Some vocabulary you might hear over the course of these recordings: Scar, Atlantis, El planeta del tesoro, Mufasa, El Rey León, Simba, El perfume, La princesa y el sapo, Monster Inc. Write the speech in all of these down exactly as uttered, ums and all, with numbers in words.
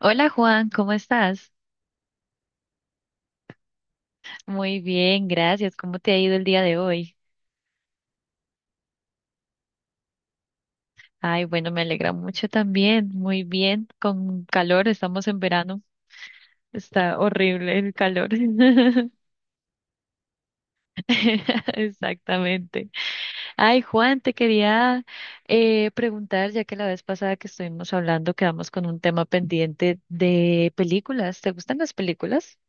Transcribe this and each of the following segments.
Hola Juan, ¿cómo estás? Muy bien, gracias. ¿Cómo te ha ido el día de hoy? Ay, bueno, me alegra mucho también. Muy bien, con calor, estamos en verano. Está horrible el calor. Exactamente. Ay, Juan, te quería eh, preguntar, ya que la vez pasada que estuvimos hablando, quedamos con un tema pendiente de películas. ¿Te gustan las películas?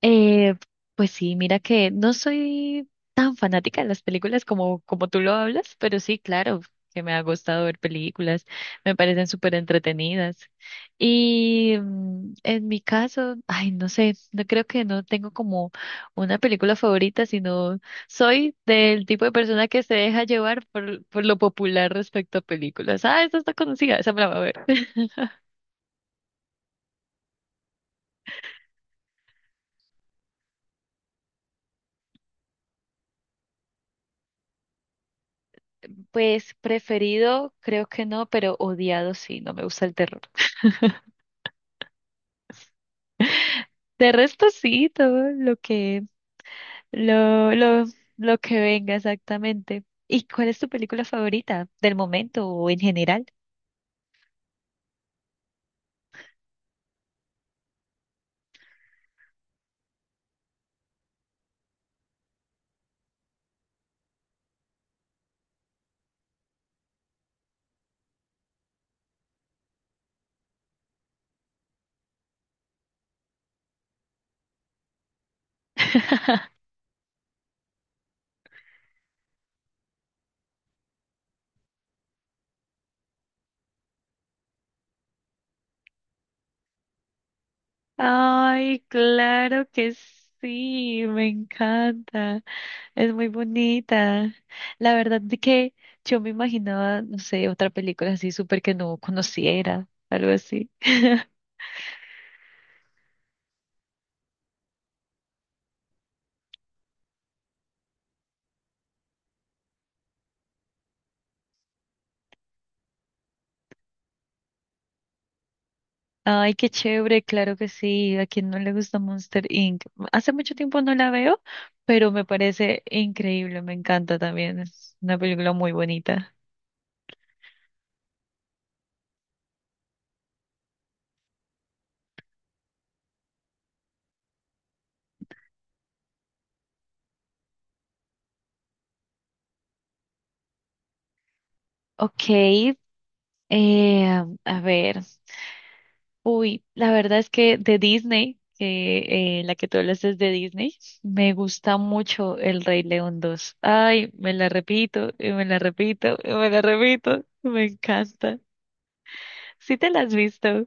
Eh, pues sí, mira que no soy tan fanática de las películas como, como tú lo hablas, pero sí, claro, que me ha gustado ver películas, me parecen súper entretenidas. Y mm, en mi caso, ay, no sé, no creo que no tengo como una película favorita, sino soy del tipo de persona que se deja llevar por, por lo popular respecto a películas. Ah, esta está conocida, esa me la voy a ver. Pues preferido, creo que no, pero odiado sí, no me gusta el terror. De resto sí, todo lo que, lo, lo, lo que venga exactamente. ¿Y cuál es tu película favorita del momento o en general? Ay, claro que sí, me encanta, es muy bonita. La verdad de que yo me imaginaba, no sé, otra película así súper que no conociera, algo así. Ay, qué chévere, claro que sí. ¿A quien no le gusta Monster Inc? Hace mucho tiempo no la veo, pero me parece increíble, me encanta también. Es una película muy bonita. Ok, eh, a ver. Uy, la verdad es que de Disney, que eh, la que tú hablas es de Disney, me gusta mucho El Rey León dos. Ay, me la repito, y me la repito, y me la repito. Me encanta. ¿Sí te la has visto?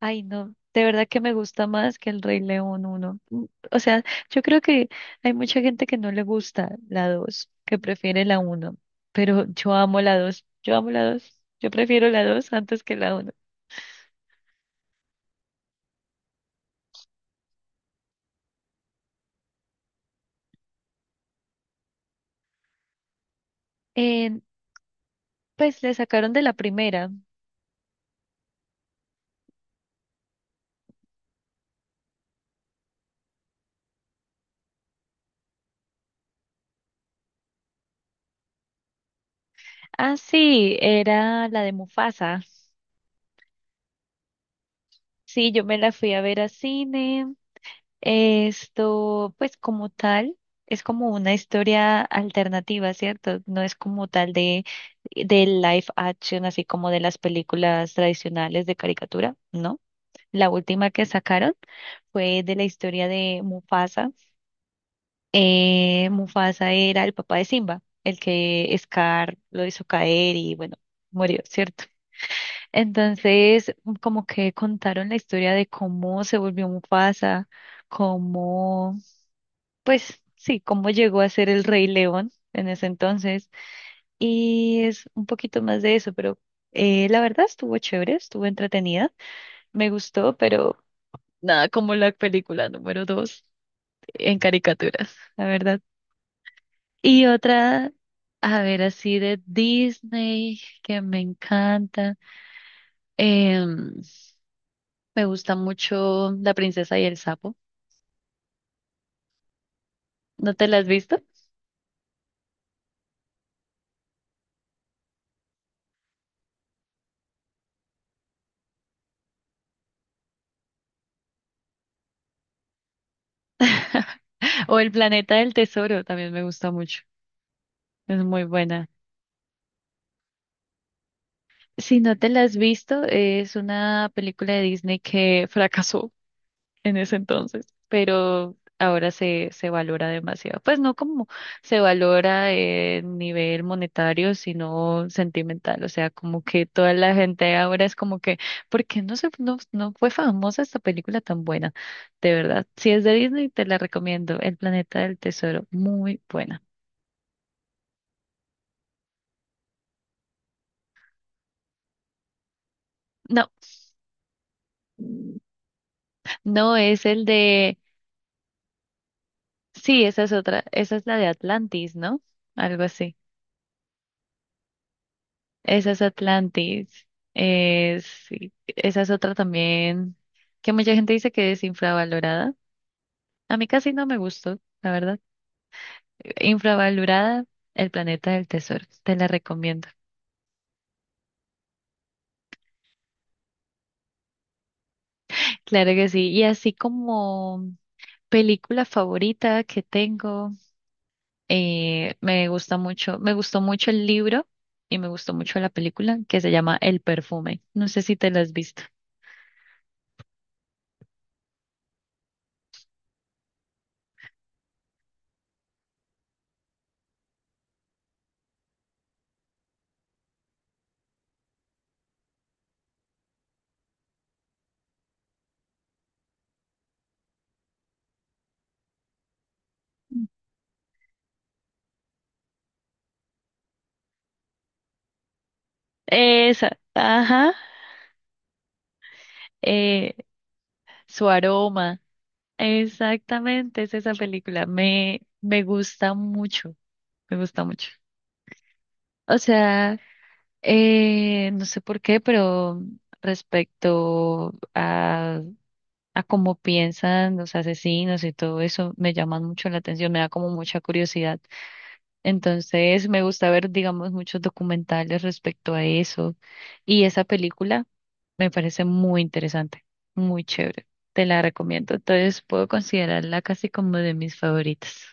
Ay, no, de verdad que me gusta más que el Rey León uno. Mm, O sea, yo creo que hay mucha gente que no le gusta la dos, que prefiere la uno, pero yo amo la dos, yo amo la dos, yo prefiero la dos antes que la uno. Eh, pues le sacaron de la primera. Ah, sí, era la de Mufasa. Sí, yo me la fui a ver a cine. Esto, pues como tal, es como una historia alternativa, ¿cierto? No es como tal de, de live action, así como de las películas tradicionales de caricatura, ¿no? La última que sacaron fue de la historia de Mufasa. Eh, Mufasa era el papá de Simba, el que Scar lo hizo caer y bueno, murió, ¿cierto? Entonces, como que contaron la historia de cómo se volvió Mufasa, cómo pues sí, cómo llegó a ser el Rey León en ese entonces. Y es un poquito más de eso, pero eh, la verdad estuvo chévere, estuvo entretenida, me gustó, pero nada como la película número dos en caricaturas, la verdad. Y otra, a ver, así de Disney, que me encanta. em, Me gusta mucho La princesa y el sapo. ¿No te la has visto? O El planeta del tesoro también me gusta mucho. Es muy buena. Si no te la has visto, es una película de Disney que fracasó en ese entonces, pero ahora se, se valora demasiado. Pues no como se valora en nivel monetario, sino sentimental. O sea, como que toda la gente ahora es como que, ¿por qué no se, no, no fue famosa esta película tan buena? De verdad, si es de Disney, te la recomiendo. El Planeta del Tesoro, muy buena. No, no es el de. Sí, esa es otra, esa es la de Atlantis, ¿no? Algo así. Esa es Atlantis. Eh, sí, esa es otra también que mucha gente dice que es infravalorada. A mí casi no me gustó, la verdad. Infravalorada, El planeta del tesoro. Te la recomiendo. Claro que sí. Y así como película favorita que tengo, eh, me gusta mucho, me gustó mucho el libro y me gustó mucho la película que se llama El perfume. No sé si te la has visto. Esa, ajá, eh, su aroma. Exactamente, es esa película. Me, me gusta mucho, me gusta mucho. O sea, eh, no sé por qué, pero respecto a, a cómo piensan los asesinos y todo eso, me llaman mucho la atención, me da como mucha curiosidad. Entonces, me gusta ver, digamos, muchos documentales respecto a eso. Y esa película. Me parece muy interesante, muy chévere. Te la recomiendo. Entonces puedo considerarla casi como de mis favoritas.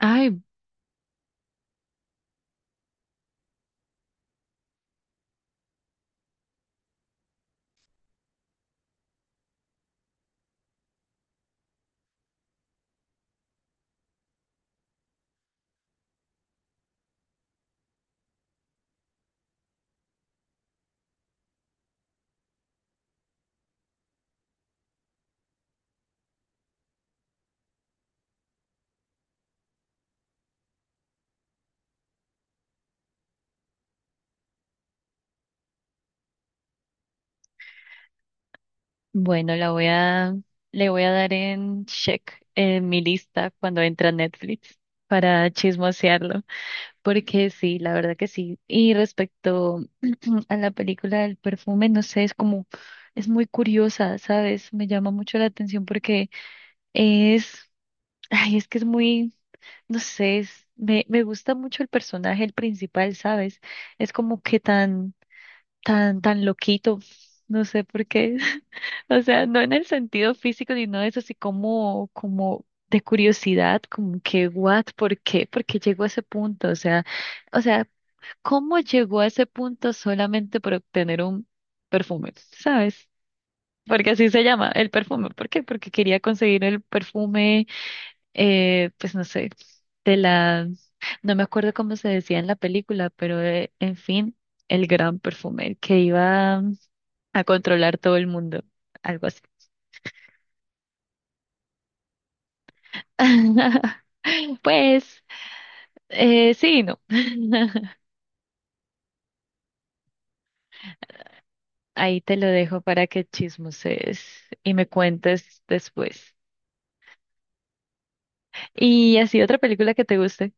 Ay, bueno, la voy a, le voy a dar en check en mi lista cuando entra Netflix para chismosearlo, porque sí, la verdad que sí. Y respecto a la película del perfume, no sé, es como, es muy curiosa, ¿sabes? Me llama mucho la atención porque es, ay, es que es muy. No sé, es- me, me gusta mucho el personaje, el principal, ¿sabes? Es como que tan, tan, tan loquito, no sé por qué. O sea, no en el sentido físico, sino eso, así como, como de curiosidad, como que, what, ¿por qué? ¿Por qué llegó a ese punto? O sea, o sea, ¿cómo llegó a ese punto solamente por obtener un perfume? ¿Sabes? Porque así se llama, el perfume. ¿Por qué? Porque quería conseguir el perfume eh, pues no sé, de la, no me acuerdo cómo se decía en la película, pero eh, en fin, el gran perfume, que iba a controlar todo el mundo, algo así. Pues, eh, sí, y no. Ahí te lo dejo para que chismoses y me cuentes después. Y así otra película que te guste.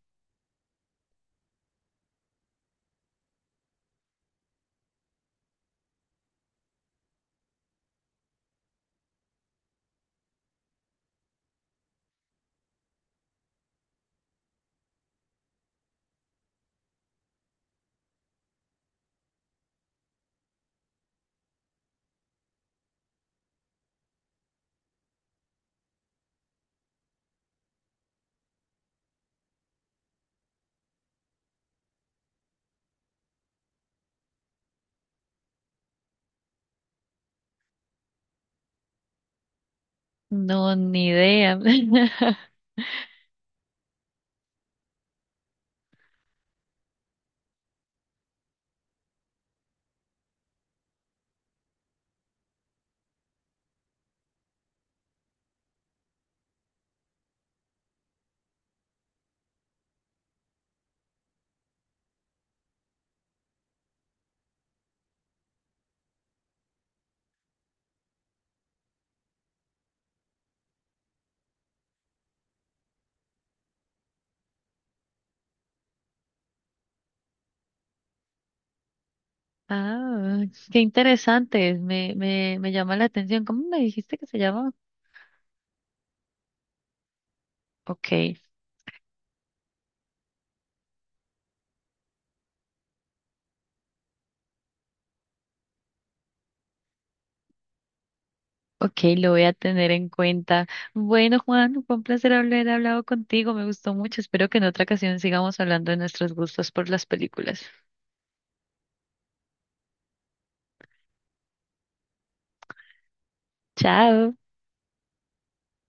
No, ni idea. Ah, qué interesante. Me, me, me llama la atención. ¿Cómo me dijiste que se llama? Ok, ok, lo voy a tener en cuenta. Bueno, Juan, fue un placer haber hablado contigo, me gustó mucho. Espero que en otra ocasión sigamos hablando de nuestros gustos por las películas. Chao.